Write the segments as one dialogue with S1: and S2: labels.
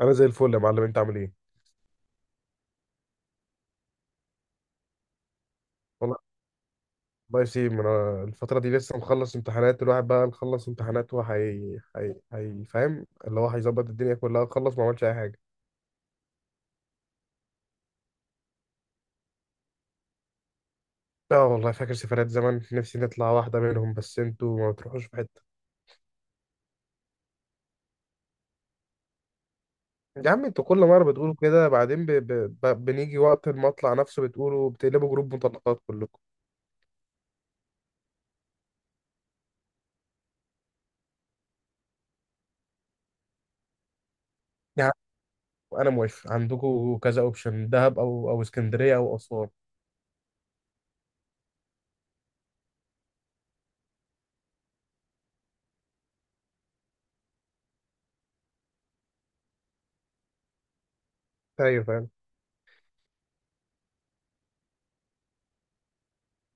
S1: انا زي الفل يا معلم، انت عامل ايه؟ والله. الله يسلم. انا الفتره دي لسه مخلص امتحانات، الواحد بقى مخلص امتحانات وهي هي هي، فاهم؟ اللي هو هيظبط الدنيا كلها، خلص ما عملش اي حاجه. اه والله، فاكر سفرات زمان، نفسي نطلع واحده منهم، بس انتوا ما بتروحوش في حته. يا عم، انتوا كل مره بتقولوا كده، بعدين بنيجي وقت المطلع نفسه بتقولوا بتقلبوا جروب مطلقات كلكم. يا عم، انا موافق، عندكم كذا اوبشن، دهب او اسكندريه او اسوان. ايوه فاهم.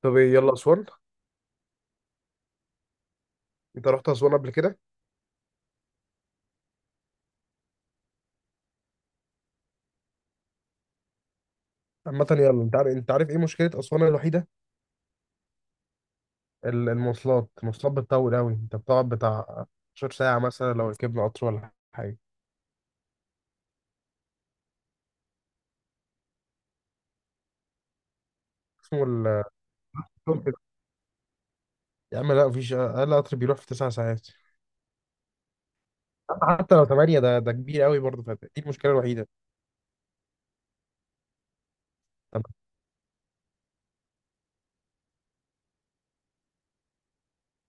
S1: طب إيه، يلا اسوان. انت رحت اسوان قبل كده؟ عامة يلا، انت عارف، انت عارف ايه مشكلة أسوان الوحيدة؟ المواصلات، المواصلات بتطول أوي، انت بتقعد بتاع 12 ساعة مثلا لو ركبنا قطر ولا حاجة. اسمه. يا عم لا، مفيش أقل قطر بيروح في 9 ساعات. حتى لو 8، ده كبير أوي برضه، فدي المشكلة الوحيدة. طب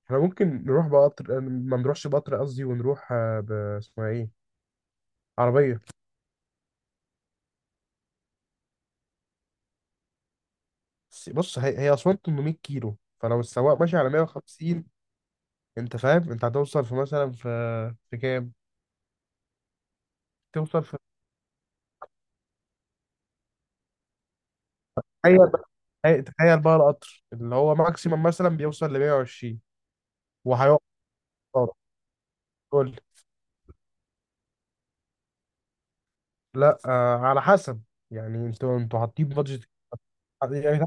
S1: احنا ممكن نروح بقطر، ما نروحش بقطر قصدي، ونروح، آه، ب اسمها ايه، عربية. بص، هي أسوان 800 كيلو، فلو السواق ماشي على 150، انت فاهم، انت هتوصل في مثلا، في كام؟ توصل. تخيل بقى، تخيل بقى القطر اللي هو ماكسيمم مثلا بيوصل ل 120، وهيقف خالص. قول لي. لا آه، على حسب، يعني انتوا حاطين بادجت. يعني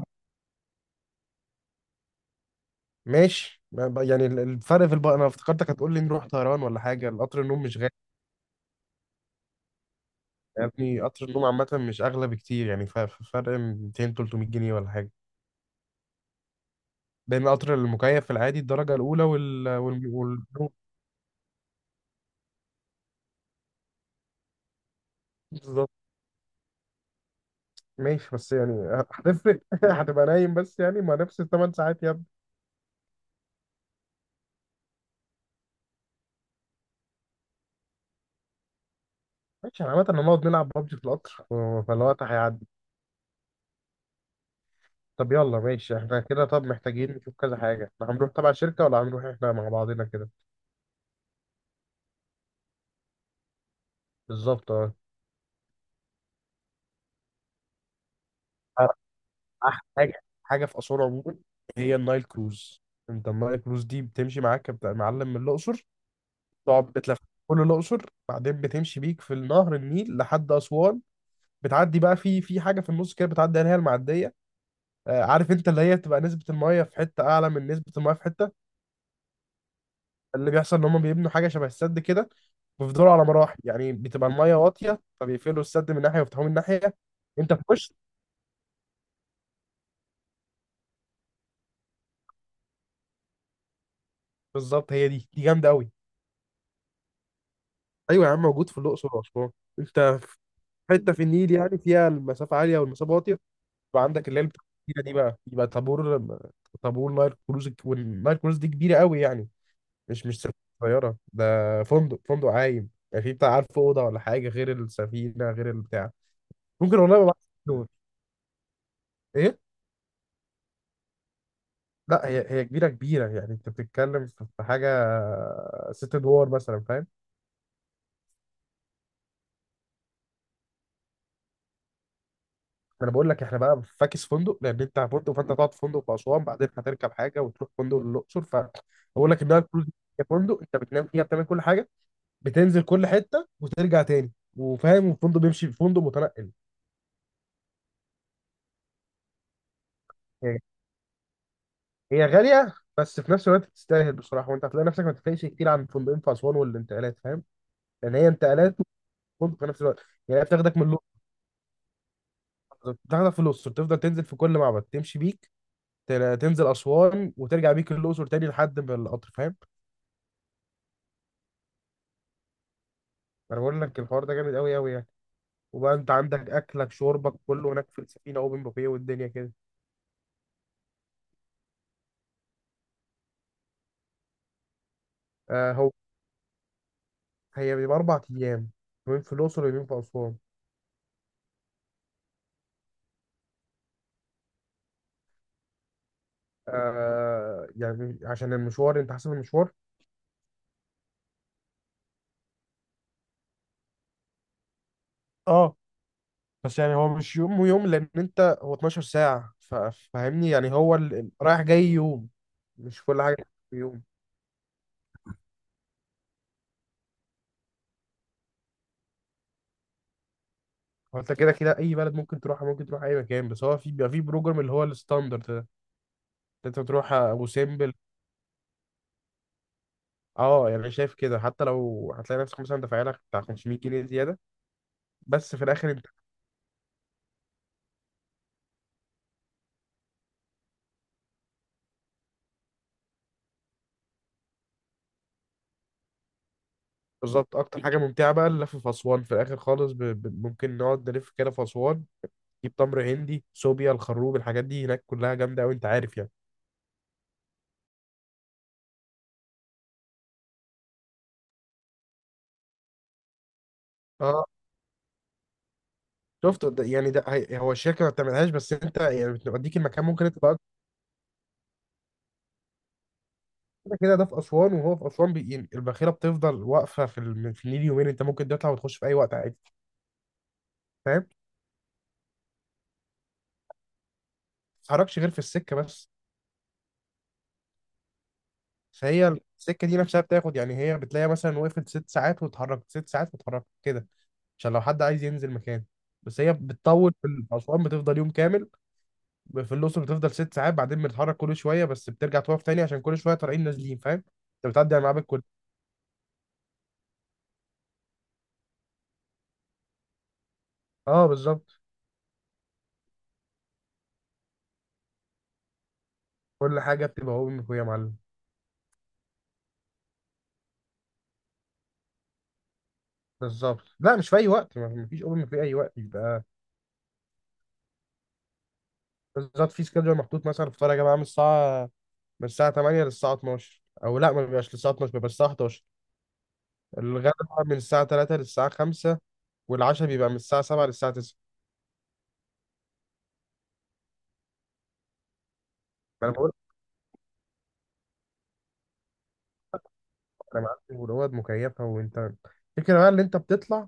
S1: ماشي، يعني الفرق في انا افتكرتك هتقول لي نروح طيران ولا حاجه، القطر النوم مش غالي. يا ابني قطر النوم عامه مش اغلى بكتير، يعني فرق 200 300 جنيه ولا حاجه، بين القطر المكيف في العادي الدرجه الاولى، والنوم. بالظبط. ماشي بس يعني، آه، هتفرق، هتبقى نايم، بس يعني ما نفس الـ 8 ساعات يا. ماشي، احنا عامة هنقعد نلعب ببجي في القطر، آه، فالوقت هيعدي. طب يلا ماشي، احنا كده طب محتاجين نشوف كذا حاجة. احنا هنروح تبع شركة، ولا هنروح احنا مع بعضنا كده؟ بالظبط اه. أحلى حاجة في آثار عموما هي النايل كروز. انت النايل كروز دي بتمشي معاك، معلم، من الأقصر، تقعد بتلف كل الأقصر، بعدين بتمشي بيك في النهر النيل لحد أسوان، بتعدي بقى في حاجة في النص كده بتعدي عليها المعدية. آه، عارف انت، اللي هي بتبقى نسبة المية في حتة أعلى من نسبة المية في حتة. اللي بيحصل إن هما بيبنوا حاجة شبه السد كده، بيفضلوا على مراحل، يعني بتبقى الميه واطيه فبيقفلوا السد من ناحيه ويفتحوه من ناحيه. انت في وش. بالظبط هي دي، جامده قوي. ايوه يا عم، موجود في الاقصر واسوان. انت في حته في النيل يعني فيها المسافه عاليه والمسافه واطيه، يبقى عندك اللي هي بتاعت الكبيرة دي، بقى يبقى طابور، طابور نايل كروز، والنايل كروز دي كبيره قوي يعني، مش سفينة صغيره، ده فندق، فندق عايم يعني في بتاع عارف اوضه ولا حاجه، غير السفينه، غير البتاع. ممكن والله، ما بعرف ايه. لا، هي كبيره كبيره يعني، انت بتتكلم في حاجه 6 ادوار مثلا، فاهم. انا بقول لك احنا بقى فاكس فندق، لان انت فندق فانت هتقعد في فندق في اسوان، بعدين هتركب حاجه وتروح فندق للاقصر، فبقول لك انها الكروز هي فندق، انت بتنام فيها، بتعمل كل حاجه، بتنزل كل حته وترجع تاني، وفاهم، الفندق بيمشي، فندق متنقل. هي هي غاليه بس في نفس الوقت تستاهل بصراحه، وانت هتلاقي نفسك ما تفرقش كتير عن الفندقين في اسوان والانتقالات، فاهم، لان هي انتقالات وفندق في نفس الوقت، يعني هي بتاخدك من، تاخدك في الأقصر، تفضل تنزل في كل معبد، تمشي بيك، تنزل أسوان وترجع بيك الأقصر تاني لحد ما القطر، فاهم. أنا بقول لك الحوار ده جامد أوي أوي يعني، وبقى أنت عندك أكلك شربك كله هناك في السفينة أوبن بوفيه والدنيا كده. آه هو، هي بيبقى 4 أيام، يومين في الأقصر ويومين في أسوان. آه يعني عشان المشوار، أنت حاسب المشوار. اه، بس يعني هو مش يوم ويوم، لأن أنت هو 12 ساعة، فاهمني، يعني هو رايح جاي يوم، مش كل حاجة في يوم. هو انت كده كده اي بلد ممكن تروحها، ممكن تروح اي مكان، بس هو في بيبقى في بروجرام اللي هو الستاندرد ده، انت تروح ابو سمبل. اه يعني انا شايف كده، حتى لو هتلاقي نفسك مثلا دافع لك بتاع 500 جنيه زياده، بس في الاخر انت. بالظبط، اكتر حاجه ممتعه بقى اللف في اسوان، في الاخر خالص ممكن نقعد نلف كده في اسوان، نجيب تمر هندي صوبيا الخروب، الحاجات دي هناك كلها جامده قوي، انت عارف يعني. اه، شفت ده، يعني ده هو الشركه ما بتعملهاش، بس انت يعني بتوديك المكان، ممكن انت. كده كده ده في أسوان، وهو في أسوان يعني الباخرة بتفضل واقفة في، في النيل يومين، أنت ممكن تطلع وتخش في أي وقت عادي، فاهم؟ ما تتحركش غير في السكة بس. فهي السكة دي نفسها بتاخد، يعني هي بتلاقي مثلا وقفت 6 ساعات واتحركت 6 ساعات واتحركت كده، عشان لو حد عايز ينزل مكان، بس هي بتطول في أسوان بتفضل يوم كامل، في الأقصر بتفضل 6 ساعات، بعدين بتتحرك كل شوية بس بترجع توقف تاني، عشان كل شوية طالعين نازلين، فاهم؟ أنت بتعدي على المعابد كل. اه بالظبط. كل حاجة بتبقى أوبن بوفيه يا معلم. بالظبط، لا مش في أي وقت، ما فيش أوبن بوفيه أي وقت يبقى. بالظبط، في سكادجول محطوط، مثلا الفطار يا جماعه من الساعه 8 للساعه 12، او لا ما بيبقاش للساعه 12، بيبقى الساعه 11. الغدا بقى من الساعه 3 للساعه 5، والعشاء بيبقى من الساعه 7 للساعه 9. ما انا بقول لك، انا معاك، والاوض مكيفه، وانت الفكره بقى اللي انت بتطلع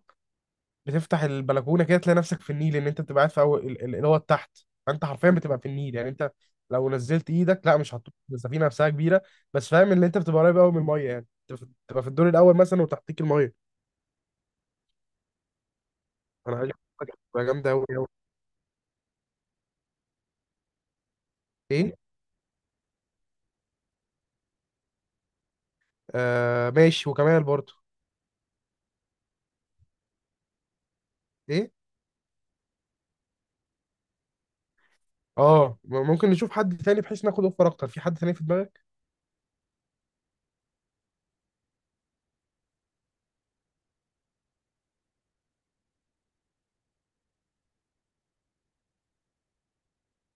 S1: بتفتح البلكونه كده، تلاقي نفسك في النيل، ان انت بتبقى قاعد في اول الاوض تحت، فانت حرفيا بتبقى في النيل، يعني انت لو نزلت ايدك، لا مش هتطوف، السفينه نفسها كبيره، بس فاهم ان انت بتبقى قريب قوي من الميه يعني، انت بتبقى في الدور الاول مثلا وتحتيك الميه. انا عايز أقول لك بتبقى جامده قوي. ايه. آه ماشي، وكمال برضو. ايه. اه، ممكن نشوف حد تاني بحيث ناخد اوفر اكتر، في حد تاني في دماغك؟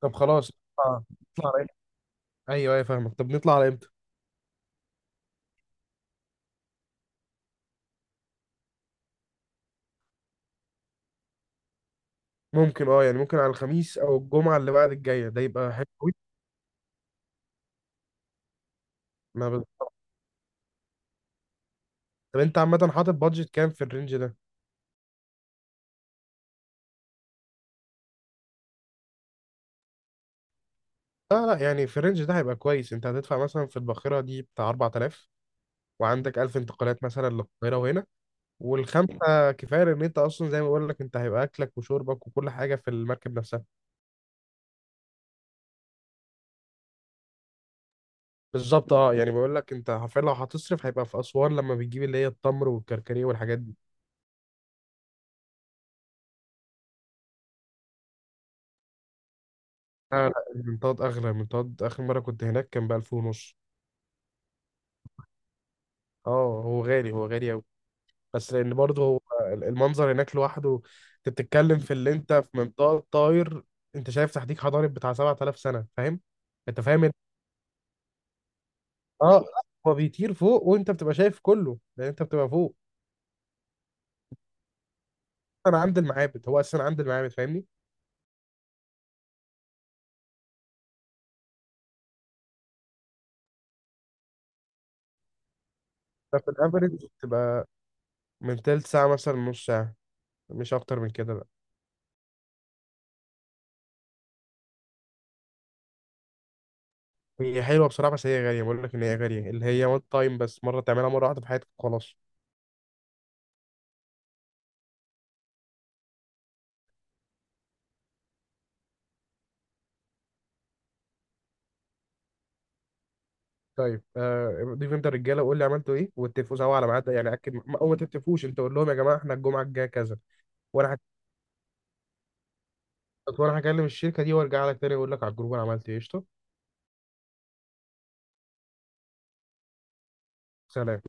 S1: طب خلاص. آه. نطلع على امتى. ايوه ايوه فاهمك، طب نطلع على امتى. ممكن اه، يعني ممكن على الخميس او الجمعه اللي بعد الجايه ده، يبقى حلو قوي. انا ب... طب انت عامه حاطط بادجت كام في الرينج ده؟ لا لا، يعني في الرينج ده هيبقى كويس، انت هتدفع مثلا في الباخره دي بتاع 4000، وعندك 1000 انتقالات مثلا للقاهره وهنا، والخمسه كفايه، ان انت اصلا زي ما بقول لك انت هيبقى اكلك وشربك وكل حاجه في المركب نفسها. بالظبط اه، يعني بقول لك انت حرفيا لو هتصرف هيبقى في اسوان لما بتجيب اللي هي التمر والكركديه والحاجات دي. لا لا، المنطاد اغلى، المنطاد اخر مره كنت هناك كان ب 1000 ونص. اه هو غالي، هو غالي قوي، بس لان برضه هو المنظر هناك لوحده، انت بتتكلم في اللي انت في منطاد طاير، انت شايف تحتيك حضارب بتاع 7000 سنه، فاهم. انت فاهم اه، هو بيطير فوق وانت بتبقى شايف كله لان انت بتبقى فوق. انا عند المعابد، هو اصلا عند المعابد، فاهمني. ففي الافرج بتبقى من تلت ساعه مثلا نص ساعه، مش اكتر من كده بقى. هي حلوه بصراحه، بس هي غاليه، بقول لك ان هي غاليه اللي هي وان تايم، بس مره، تعملها مره واحده في حياتك وخلاص. طيب آه، ضيف انت الرجاله وقول لي عملتوا ايه واتفقوا سوا على ميعاد، يعني اكد، او ما تتفقوش، انت قول لهم يا جماعه احنا الجمعه الجايه كذا. وانا هك- وانا هكلم الشركه دي وارجع لك تاني اقول لك على الجروب انا عملت ايه، قشطه. سلام.